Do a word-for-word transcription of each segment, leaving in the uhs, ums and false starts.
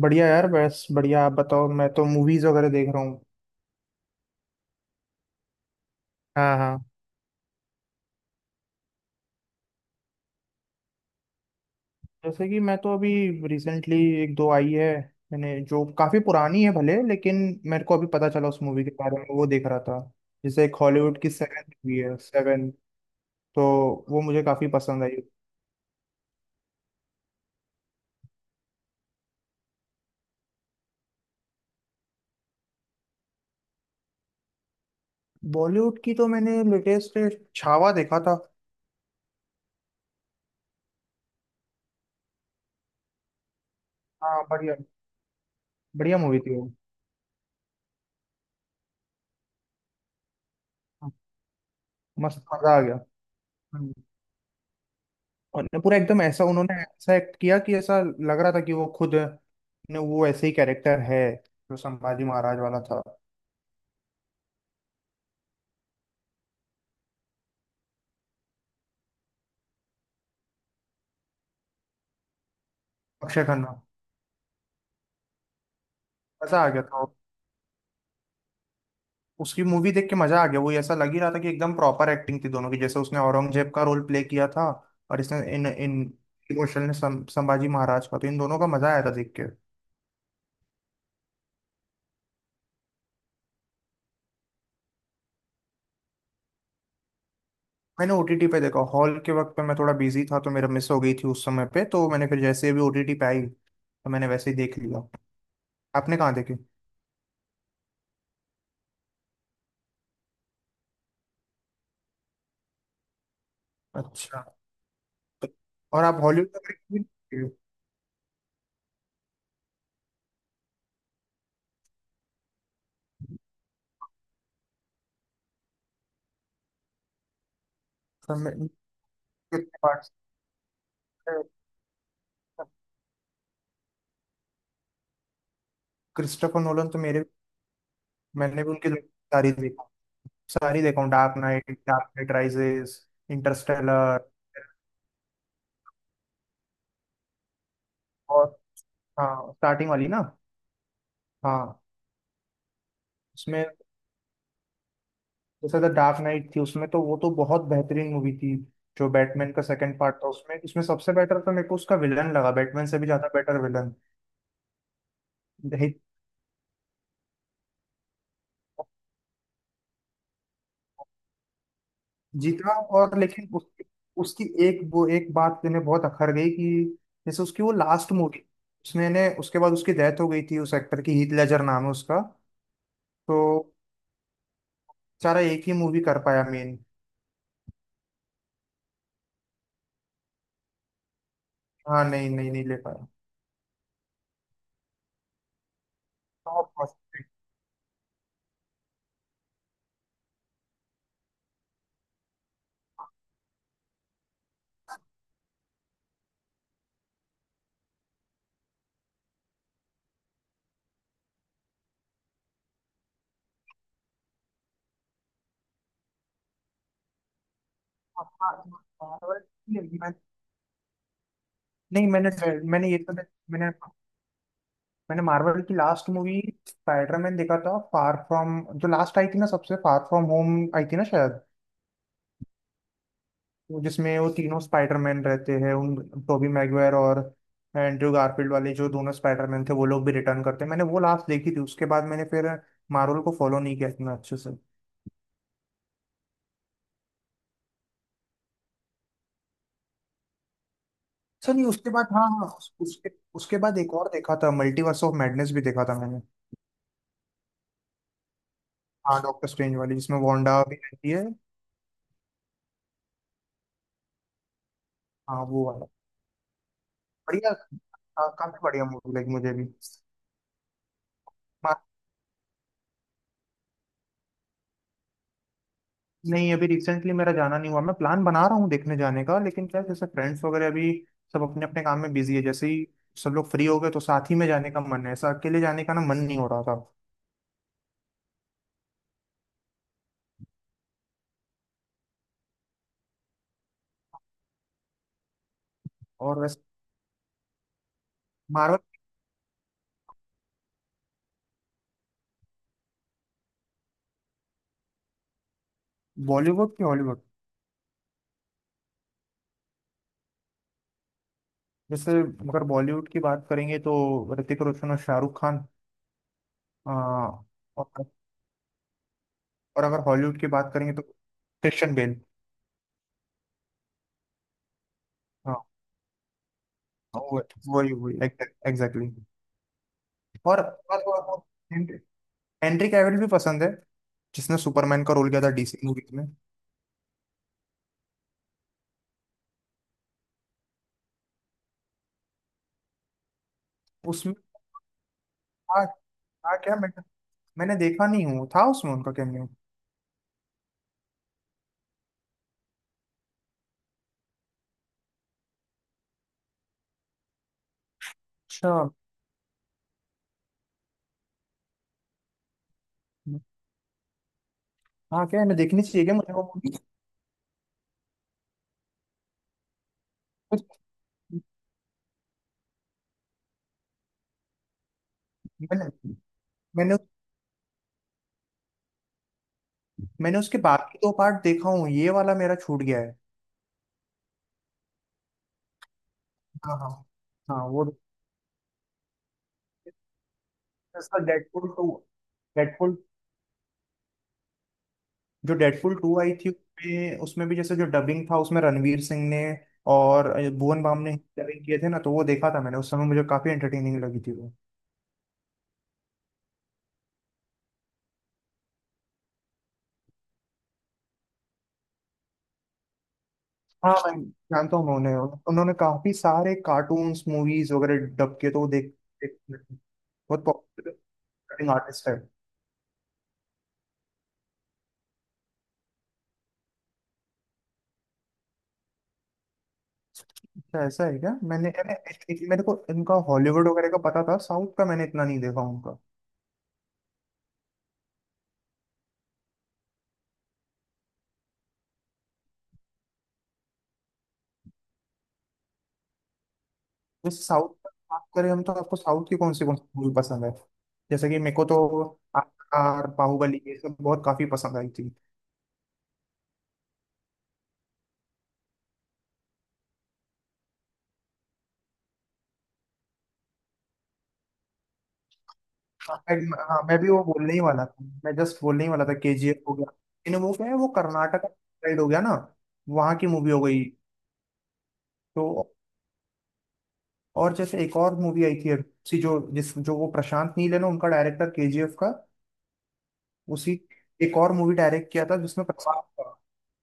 बढ़िया यार, बस बढ़िया। आप बताओ, मैं तो मूवीज वगैरह देख रहा हूँ। हाँ हाँ। जैसे कि मैं तो अभी रिसेंटली एक दो आई है मैंने, जो काफी पुरानी है भले, लेकिन मेरे को अभी पता चला उस मूवी के बारे में, वो देख रहा था। जैसे एक हॉलीवुड की सेवन मूवी है, सेवन। तो वो मुझे काफी पसंद आई। बॉलीवुड की तो मैंने लेटेस्ट छावा देखा था। हाँ बढ़िया। बढ़िया मूवी थी वो। हाँ, मस्त मजा आ गया। हम्म। और ना, पूरा एकदम ऐसा उन्होंने ऐसा एक्ट किया कि ऐसा लग रहा था कि वो खुद ने, वो ऐसे ही कैरेक्टर है जो संभाजी महाराज वाला था। अक्षय खन्ना। मजा आ गया था। उसकी मूवी देख के मजा आ गया, वो ऐसा लग ही रहा था कि एकदम प्रॉपर एक्टिंग थी दोनों की, जैसे उसने औरंगजेब का रोल प्ले किया था, और इसने इन इन इमोशनल ने सं- संभाजी महाराज का, तो इन दोनों का मजा आया था देख के। मैंने ओटीटी पे देखा, हॉल के वक्त पे मैं थोड़ा बिजी था तो मेरा मिस हो गई थी उस समय पे, तो मैंने फिर जैसे ही भी ओटीटी पे आई तो मैंने वैसे ही देख लिया। आपने कहाँ देखी? अच्छा। और आप हॉलीवुड का भी देखते हो? तो मैं- कितने parts हैं? क्रिस्टोफर नोलन तो मेरे, मैंने भी उनकी सारी देखा सारी देखा हूँ। Dark knight, dark knight rises, interstellar. और हाँ, स्टार्टिंग वाली ना। हाँ। उसमें जैसे द डार्क नाइट थी, उसमें तो वो तो बहुत बेहतरीन मूवी थी, जो बैटमैन का सेकंड पार्ट था, उसमें उसमें सबसे बेटर तो मेरे को उसका विलन लगा, बैटमैन से भी ज्यादा बेटर। विलन जीता, और लेकिन उसकी उसकी एक, वो एक बात मैंने बहुत अखर गई कि जैसे उसकी वो लास्ट मूवी, उसने ने उसके बाद उसकी डेथ हो गई थी उस एक्टर की, हीथ लेजर नाम है उसका। तो बेचारा एक ही मूवी कर पाया मेन। हाँ, नहीं नहीं, नहीं ले पाया। Top prospect. Marvel की नहीं, मैं- नहीं, मैंने मैंने ये तो मैंने मैंने मार्वल की लास्ट मूवी स्पाइडरमैन देखा था, फार फ्रॉम, जो लास्ट आई थी ना सबसे, फार फ्रॉम होम आई थी ना शायद, जिसमें वो तीनों स्पाइडरमैन रहते हैं, उन टोबी मैगवायर और एंड्रयू गारफील्ड वाले जो दोनों स्पाइडरमैन थे, वो लोग भी रिटर्न करते हैं। मैंने वो लास्ट देखी थी, उसके बाद मैंने फिर मार्वल को फॉलो नहीं किया इतना अच्छे से। अच्छा, नहीं उसके बाद, हाँ हाँ उस- उसके उसके बाद एक और देखा था, मल्टीवर्स ऑफ मैडनेस भी देखा था मैंने। हाँ डॉक्टर स्ट्रेंज वाली, जिसमें वांडा भी रहती है। हाँ वो वाला बढ़िया, का- काफी बढ़िया मूवी लगी मुझे भी। नहीं, अभी रिसेंटली मेरा जाना नहीं हुआ, मैं प्लान बना रहा हूँ देखने जाने का, लेकिन क्या है, जैसे फ्रेंड्स वगैरह अभी सब अपने अपने काम में बिजी है, जैसे ही सब लोग फ्री हो गए तो साथ ही में जाने का मन है, ऐसा अकेले जाने का ना मन नहीं हो रहा था। और वैसे। मार्वल। बॉलीवुड की, हॉलीवुड। जैसे अगर बॉलीवुड की बात करेंगे तो ऋतिक रोशन और शाहरुख खान। आ, और, और अगर हॉलीवुड की बात करेंगे तो क्रिश्चियन बेल। हाँ वो, वही वही एग्जैक्टली। और और- और- और- हेनरी हेनरी कैविल भी पसंद है, जिसने सुपरमैन का रोल किया था डीसी मूवीज में। उसमें था था क्या, मैं, मैंने देखा नहीं हूँ था उसमें उनका कैमियो। अच्छा हाँ, क्या है, मैं देखनी चाहिए क्या मुझे वो movie? कुछ- मैंने मैंने मैंने उसके बाकी दो पार्ट देखा हूँ, ये वाला मेरा छूट गया है। हाँ हाँ। हाँ वो, इसका डेडपुल टू, डेडपुल जो डेडपुल टू आई थी उसमें, उसमें भी जैसे जो डबिंग था उसमें रणवीर सिंह ने और भुवन बाम ने डबिंग किए थे ना, तो वो देखा था मैंने, उस समय मुझे काफी एंटरटेनिंग लगी थी। हाँ मैं जानता हूँ, मैं उन्हें। उन्होंने काफी सारे कार्टून्स मूवीज वगैरह डब के, तो वो देख, देख। बहुत पॉपुलर आर्टिस्ट है। अच्छा ऐसा है क्या, मैंने मैंने actually मेरे को इनका हॉलीवुड वगैरह का पता था, साउथ का मैंने इतना नहीं देखा उनका। जैसे साउथ का बात करें हम, तो आपको साउथ की कौन सी कौन सी मूवी पसंद है, जैसे कि मेरे को तो आर बाहुबली ये सब बहुत काफी पसंद आई थी। हाँ मैं हाँ, मैं भी वो बोलने ही वाला था, मैं जस्ट बोलने ही वाला था, केजीएफ हो गया। इन, वो क्या है, वो कर्नाटक साइड हो गया ना, वहां की मूवी हो गई। तो, और जैसे एक और मूवी आई थी अब, सी जो जिस जो, वो प्रशांत नील है ना, उनका डायरेक्टर केजीएफ का, उसी एक और मूवी डायरेक्ट किया था जिसमें प्रशांत था।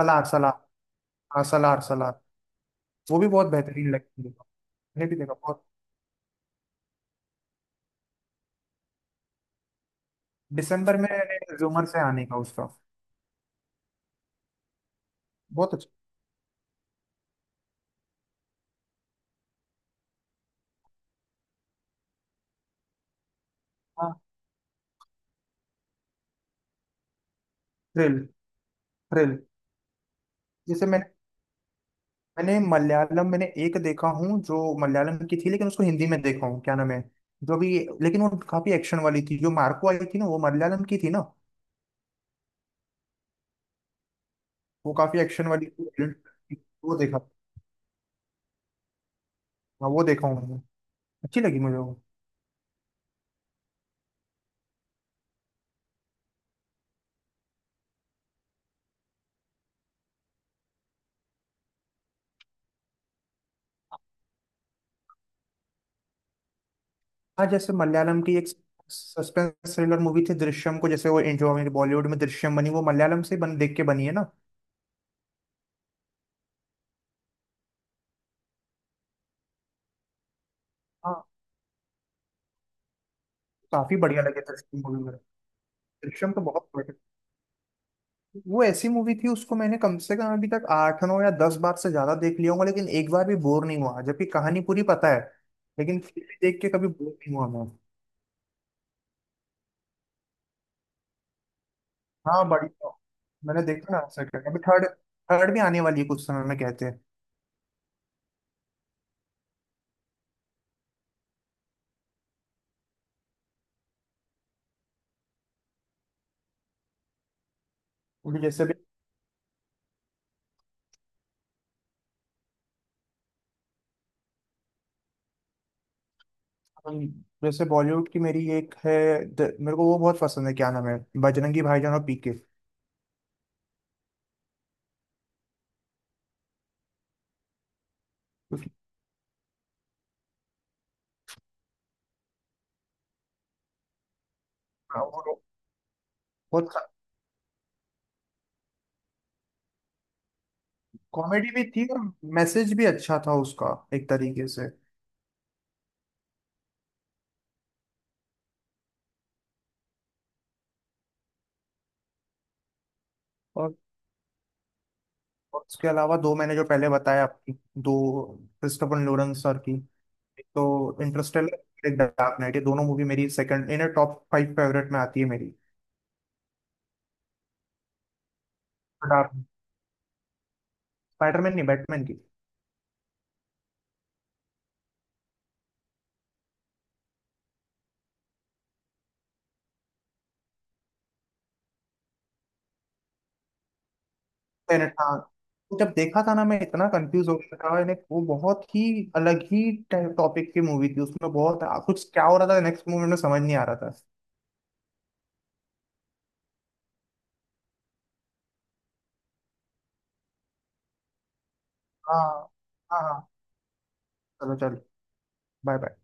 सलार, सलार। हाँ, सलार सलार। वो भी बहुत बेहतरीन लगती है। मैंने भी देखा, बहुत। दिसंबर में रिज्यूमर से आने का उसका। बहुत अच्छा। हाँ। थ्रिल। थ्रिल। जैसे मैंने मैंने मलयालम मैंने एक देखा हूँ जो मलयालम की थी, लेकिन उसको हिंदी में देखा हूँ, क्या नाम है जो भी, लेकिन वो काफी एक्शन वाली थी, जो मार्को आई थी ना, वो मलयालम की थी ना, वो काफी एक्शन वाली थी, वो देखा हाँ वो देखा हूँ मैंने, अच्छी लगी मुझे वो। हाँ, जैसे मलयालम की एक सस्पेंस थ्रिलर मूवी थी दृश्यम, को जैसे वो जो हमारी बॉलीवुड में दृश्यम बनी, वो मलयालम से बन देख के बनी है ना। हाँ काफी बढ़िया लगे दृश्यम मूवी मेरे को। दृश्यम तो बहुत बढ़िया। वो ऐसी मूवी थी, उसको मैंने कम से कम अभी तक आठ नौ या दस बार से ज्यादा देख लिया होगा, लेकिन एक बार भी बोर नहीं हुआ जबकि कहानी पूरी पता है, लेकिन फिर भी देख के कभी बोर नहीं हुआ मैं। हाँ बढ़िया। मैंने देखा ना सर, अभी थर्ड, थर्ड भी आने वाली है कुछ समय में कहते हैं। अभी जैसे भी, हम- जैसे बॉलीवुड की मेरी एक है, द- मेरे को वो बहुत पसंद है, क्या नाम है, बजरंगी भाईजान और पीके। क्योंकि वो बहुत कॉमेडी भी थी, और मैसेज भी अच्छा था उसका, एक तरीके से। और उसके अलावा दो, मैंने जो पहले बताया आपकी, दो क्रिस्टोफर लोरेंस सर की, एक तो इंटरस्टेलर, एक डार्क नाइट, ये दोनों मूवी मेरी सेकंड इनर टॉप फाइव फेवरेट में आती है मेरी। डार्क स्पाइडरमैन नहीं, बैटमैन की। planet, हाँ। जब देखा था ना, मैं इतना कंफ्यूज हो गया था, यानी वो बहुत ही अलग ही टॉपिक की मूवी थी, उसमें बहुत कुछ क्या हो रहा था नेक्स्ट मूवी में, समझ नहीं आ रहा था। हाँ हाँ हाँ। चलो चलो, बाय बाय।